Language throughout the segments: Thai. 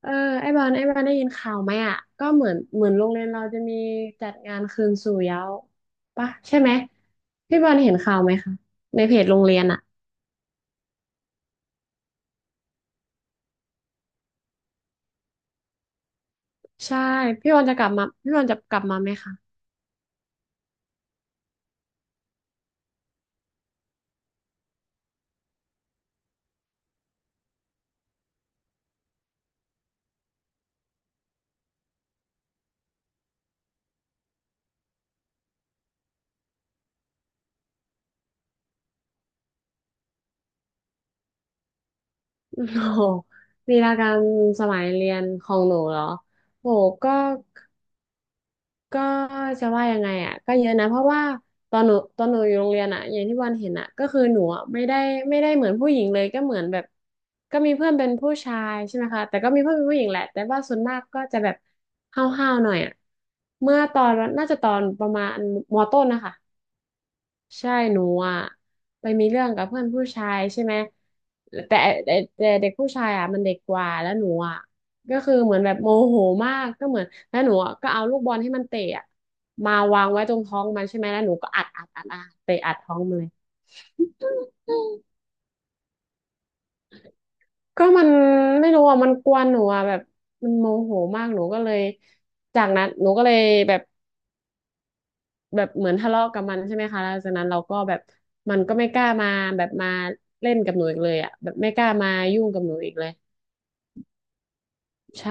เออไอ้บอลได้ยินข่าวไหมอ่ะก็เหมือนโรงเรียนเราจะมีจัดงานคืนสู่เยาว์ปะใช่ไหมพี่บอลเห็นข่าวไหมคะในเพจโรงเรียนอ่ะใช่พี่บอลจะกลับมาพี่บอลจะกลับมาไหมคะ โอ้โหลีลาการสมัยเรียนของหนูเหรอโหก็ ก็จะว่ายังไงอ่ะก็เยอะนะเพราะว่าตอนหนูอยู่โรงเรียนอ่ะอย่างที่วันเห็นอ่ะก็คือหนูอะไม่ได้เหมือนผู้หญิงเลยก็เหมือนแบบก็มีเพื่อนเป็นผู้ชายใช่ไหมคะแต่ก็มีเพื่อนเป็นผู้หญิงแหละแต่ว่าส่วนมากก็จะแบบห้าวๆหน่อยอ่ะเมื่อตอนน่าจะตอนประมาณมต้นนะคะ ใช่หนูอ่ะไปมีเรื่องกับเพื่อนผู้ชายใช่ไหมแต่แต่เด็กผู้ชายอ่ะมันเด็กกว่าแล้วหนูอ่ะก็คือเหมือนแบบโมโหมากก็เหมือนแล้วหนูอะก็เอาลูกบอลให้มันเตะอ่ะมาวางไว้ตรงท้องมันใช่ไหมแล้วหนูก็อัดเตะอัดท้องมันเลยก็มันไม่รู้อ่ะมันกวนหนูอ่ะแบบมันโมโหมากหนูก็เลยจากนั้นหนูก็เลยแบบ แบบเหมือนทะเลาะกับมันใช่ไหมคะแล้วจากนั้นเราก็แบบมันก็ไม่กล้ามาแบบมาเล่นกับหนูอีกเลยอ่ะแบบไม่กล้ามายุ่งกับหนูอีกเลยใช่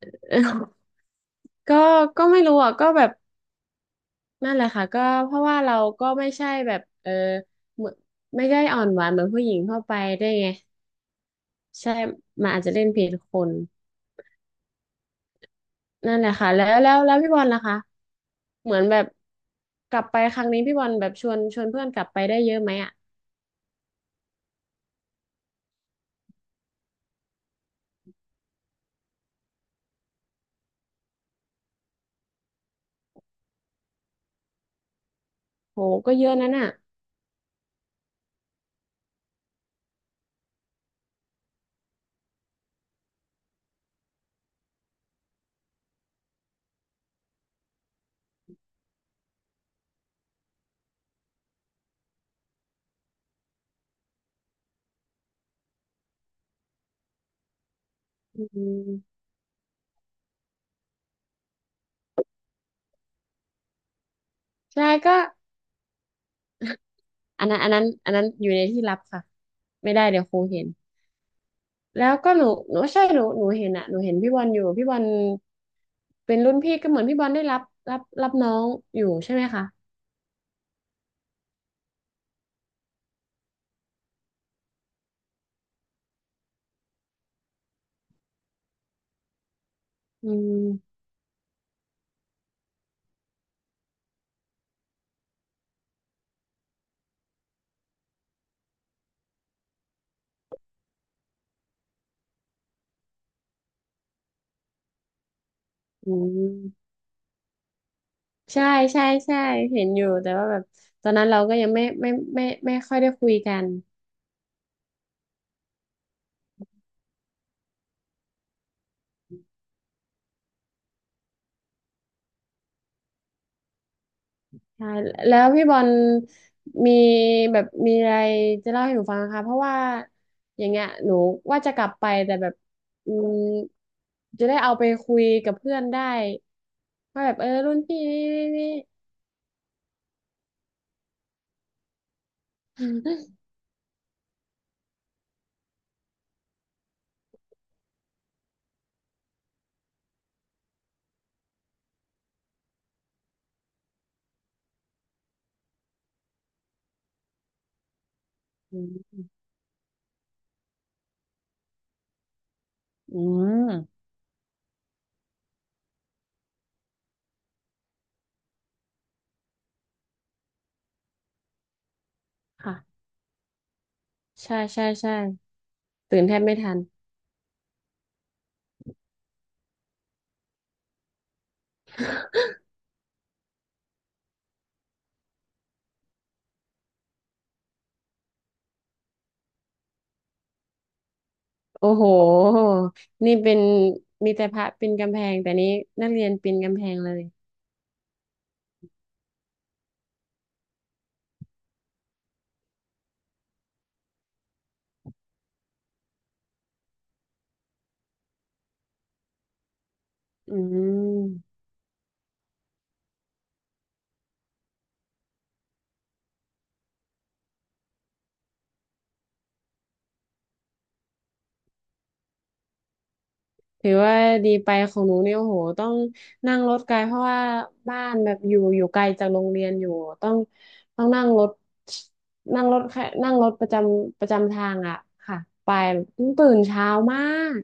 ก็ก็ไม่รู้อ่ะก็แบบนั่นแหละค่ะก็เพราะว่าเราก็ไม่ใช่แบบเออเหมือนไม่ได้อ่อนหวานเหมือนผู้หญิงทั่วไปได้วยไงใช่มันอาจจะเล่นผิดคนนั่นแหละค่ะแล้วพี่บอลล่ะคะเหมือนแบบกลับไปครั้งนี้พี่บอลแบบชวนเพื่อนกลับไปได้เยอะไหมอ่ะโหก็เยอะนั่นอ่ะอืม ใช่ก็อันนั้นอยู่ในที่ลับค่ะไม่ได้เดี๋ยวครูเห็นแล้วก็หนูใช่หนูเห็นอะหนูเห็นพี่บอลอยู่พี่บอลเป็นรุ่นพี่ก็เหมือนพี่บอลได้รับรับน้องอยู่ใช่ไหมคะอืมอืมใช่ใช่ใช่เห็นอยู่แต่ว่าแบบตอนนั้นเราก็ยังไม่ไม่ค่อยได้คุยกัน ใช่แล้วพี่บอลมีแบบมีอะไรจะเล่าให้หนูฟังนะคะเพราะว่าอย่างเงี้ยหนูว่าจะกลับไปแต่แบบอืมจะได้เอาไปคุยกับเพื่อนได้ว่าแบบเออรุ่นพี่นี่ อืมอืมค่ะใช่ใช่ใช่ตื่นแทบไม่ทันโอ้โหนี่เป็นมีแต่พระปีนกำแพงแต่นี้นักเรียนปีนกำแพงเลยอืม ถือว่าดีไปของหนูเนี่ยโอ้โหต้องนั่งรถไกลเพราะว่าบ้านแบบอยู่ไกลจากโรงเรียนอยู่ต้องต้องนั่งรถนั่งรถแค่นั่งรถประจำทางอ่ะค่ะไปต้องตื่นเช้ามาก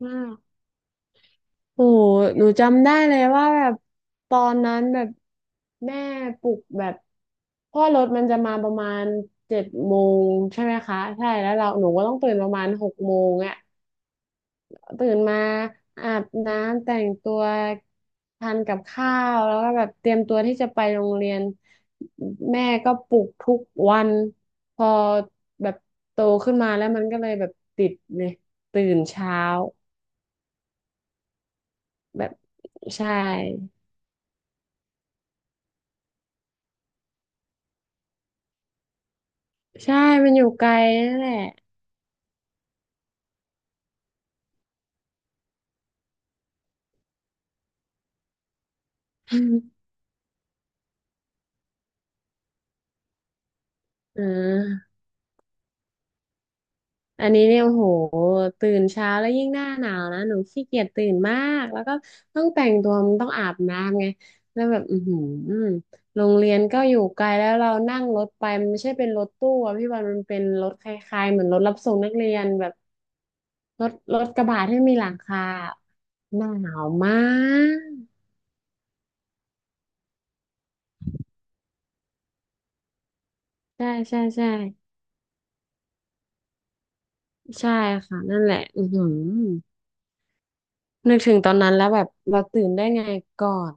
มากโอ้โหหนูจำได้เลยว่าแบบตอนนั้นแบบแม่ปลุกแบบเพราะว่อรถมันจะมาประมาณเจ็ดโมงใช่ไหมคะใช่แล้วเราหนูก็ต้องตื่นประมาณหกโมงอ่ะ ตื่นมาอาบน้ำแต่งตัวทานกับข้าวแล้วก็แบบเตรียมตัวที่จะไปโรงเรียนแม่ก็ปลุกทุกวันพอแบบโตขึ้นมาแล้วมันก็เลยแบบติดเลยตื่นเช้าแบบใช่ใช่มันอยู่ไกลนั่นแหละ อา อันนี้เนี่ยโอ้โหตื่นเช้าแล้วยิ่งหน้าหนาวนะหนูขี้เกียจตื่นมากแล้วก็ต้องแต่งตัวมันต้องอาบน้ำไงแล้วแบบอือหือโรงเรียนก็อยู่ไกลแล้วเรานั่งรถไปมันไม่ใช่เป็นรถตู้อะพี่บอลมันเป็นรถคล้ายๆเหมือนรถรับส่งนักเรียนแบบรถกระบะที่มีหลังคาหน้าหนาวมากใช่ใช่ใช่ใช่ค่ะนั่นแหละอือหือนึกถึงตอนนั้นแล้วแบบเราตื่นได้ไงก่อน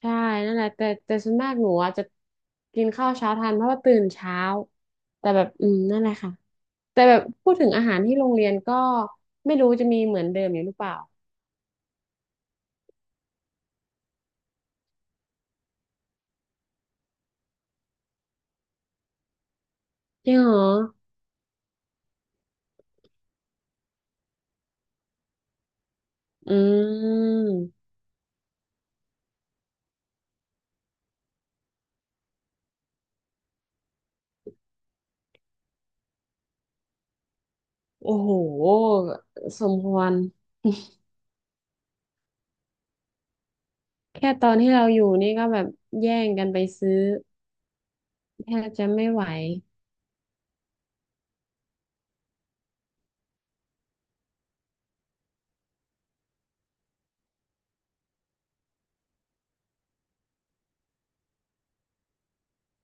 ใช่นั่นแหละแต่ส่วนมากหนูอ่ะจะกินข้าวเช้าทันเพราะว่าตื่นเช้าแต่แบบอืมนั่นแหละค่ะแต่แบบพูดถึงอาหารที่โรงเรียนก็ไม่รู้จะมีเหมือนเดิมอยู่หรือเปล่าจริงเหรออืมโอ้โหสมควรแค่ตอนที่เราอยู่นี่ก็แบบแย่งกันไปซื้อแทบจะไม่ไหว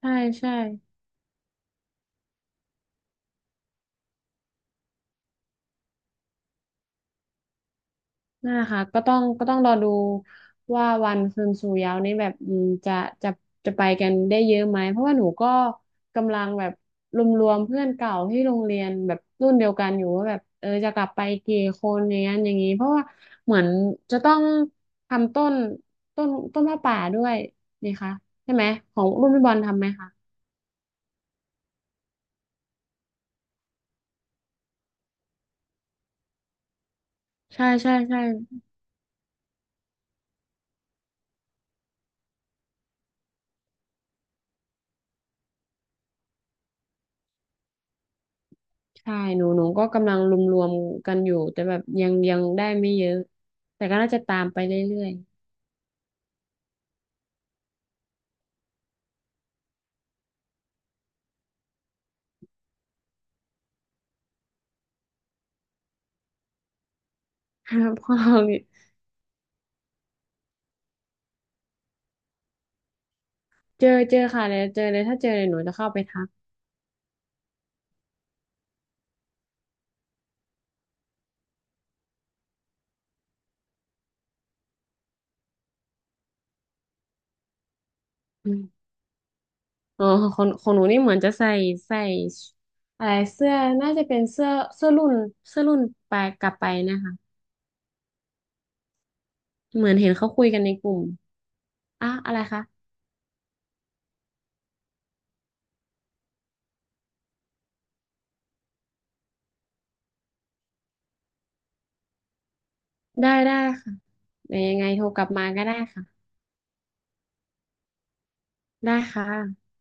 ใช่ใช่ นั่นแหละค่ะก็ต้องรอดูว่าวันคืนสู่เหย้านี้แบบอืมจะจะไปกันได้เยอะไหมเพราะว่าหนูก็กำลังแบบรวมๆเพื่อนเก่าที่โรงเรียนแบบรุ่นเดียวกันอยู่ว่าแบบเออจะกลับไปกี่คนอย่างนั้นอย่างนี้เพราะว่าเหมือนจะต้องทำต้นผ้าป่าด้วยนี่คะใช่ไหมของรุ่นพี่บอลทำไหมคะใช่ใช่ใช่ใช่หนูก็กำลังรวมๆกันอยู่แต่แบบยังได้ไม่เยอะแต่ก็น่าจะตามไปเรื่อย ครับพอเราเจอค่ะเลยวเจอเลยถ้าเจอเลยหนูจะเข้าไปทักอืมอ๋อของหนูนี่เหมือนจะใส่ใส่อะไรเสื้อน่าจะเป็นเสื้อเสื้อรุ่นเสื้อรุ่นไปกลับไปนะคะเหมือนเห็นเขาคุยกันในกลุ่มอ่ะอะไรคะได้ค่ะเดี๋ยวยังไงโทรกลับมาก็ได้ค่ะได้ค่ะ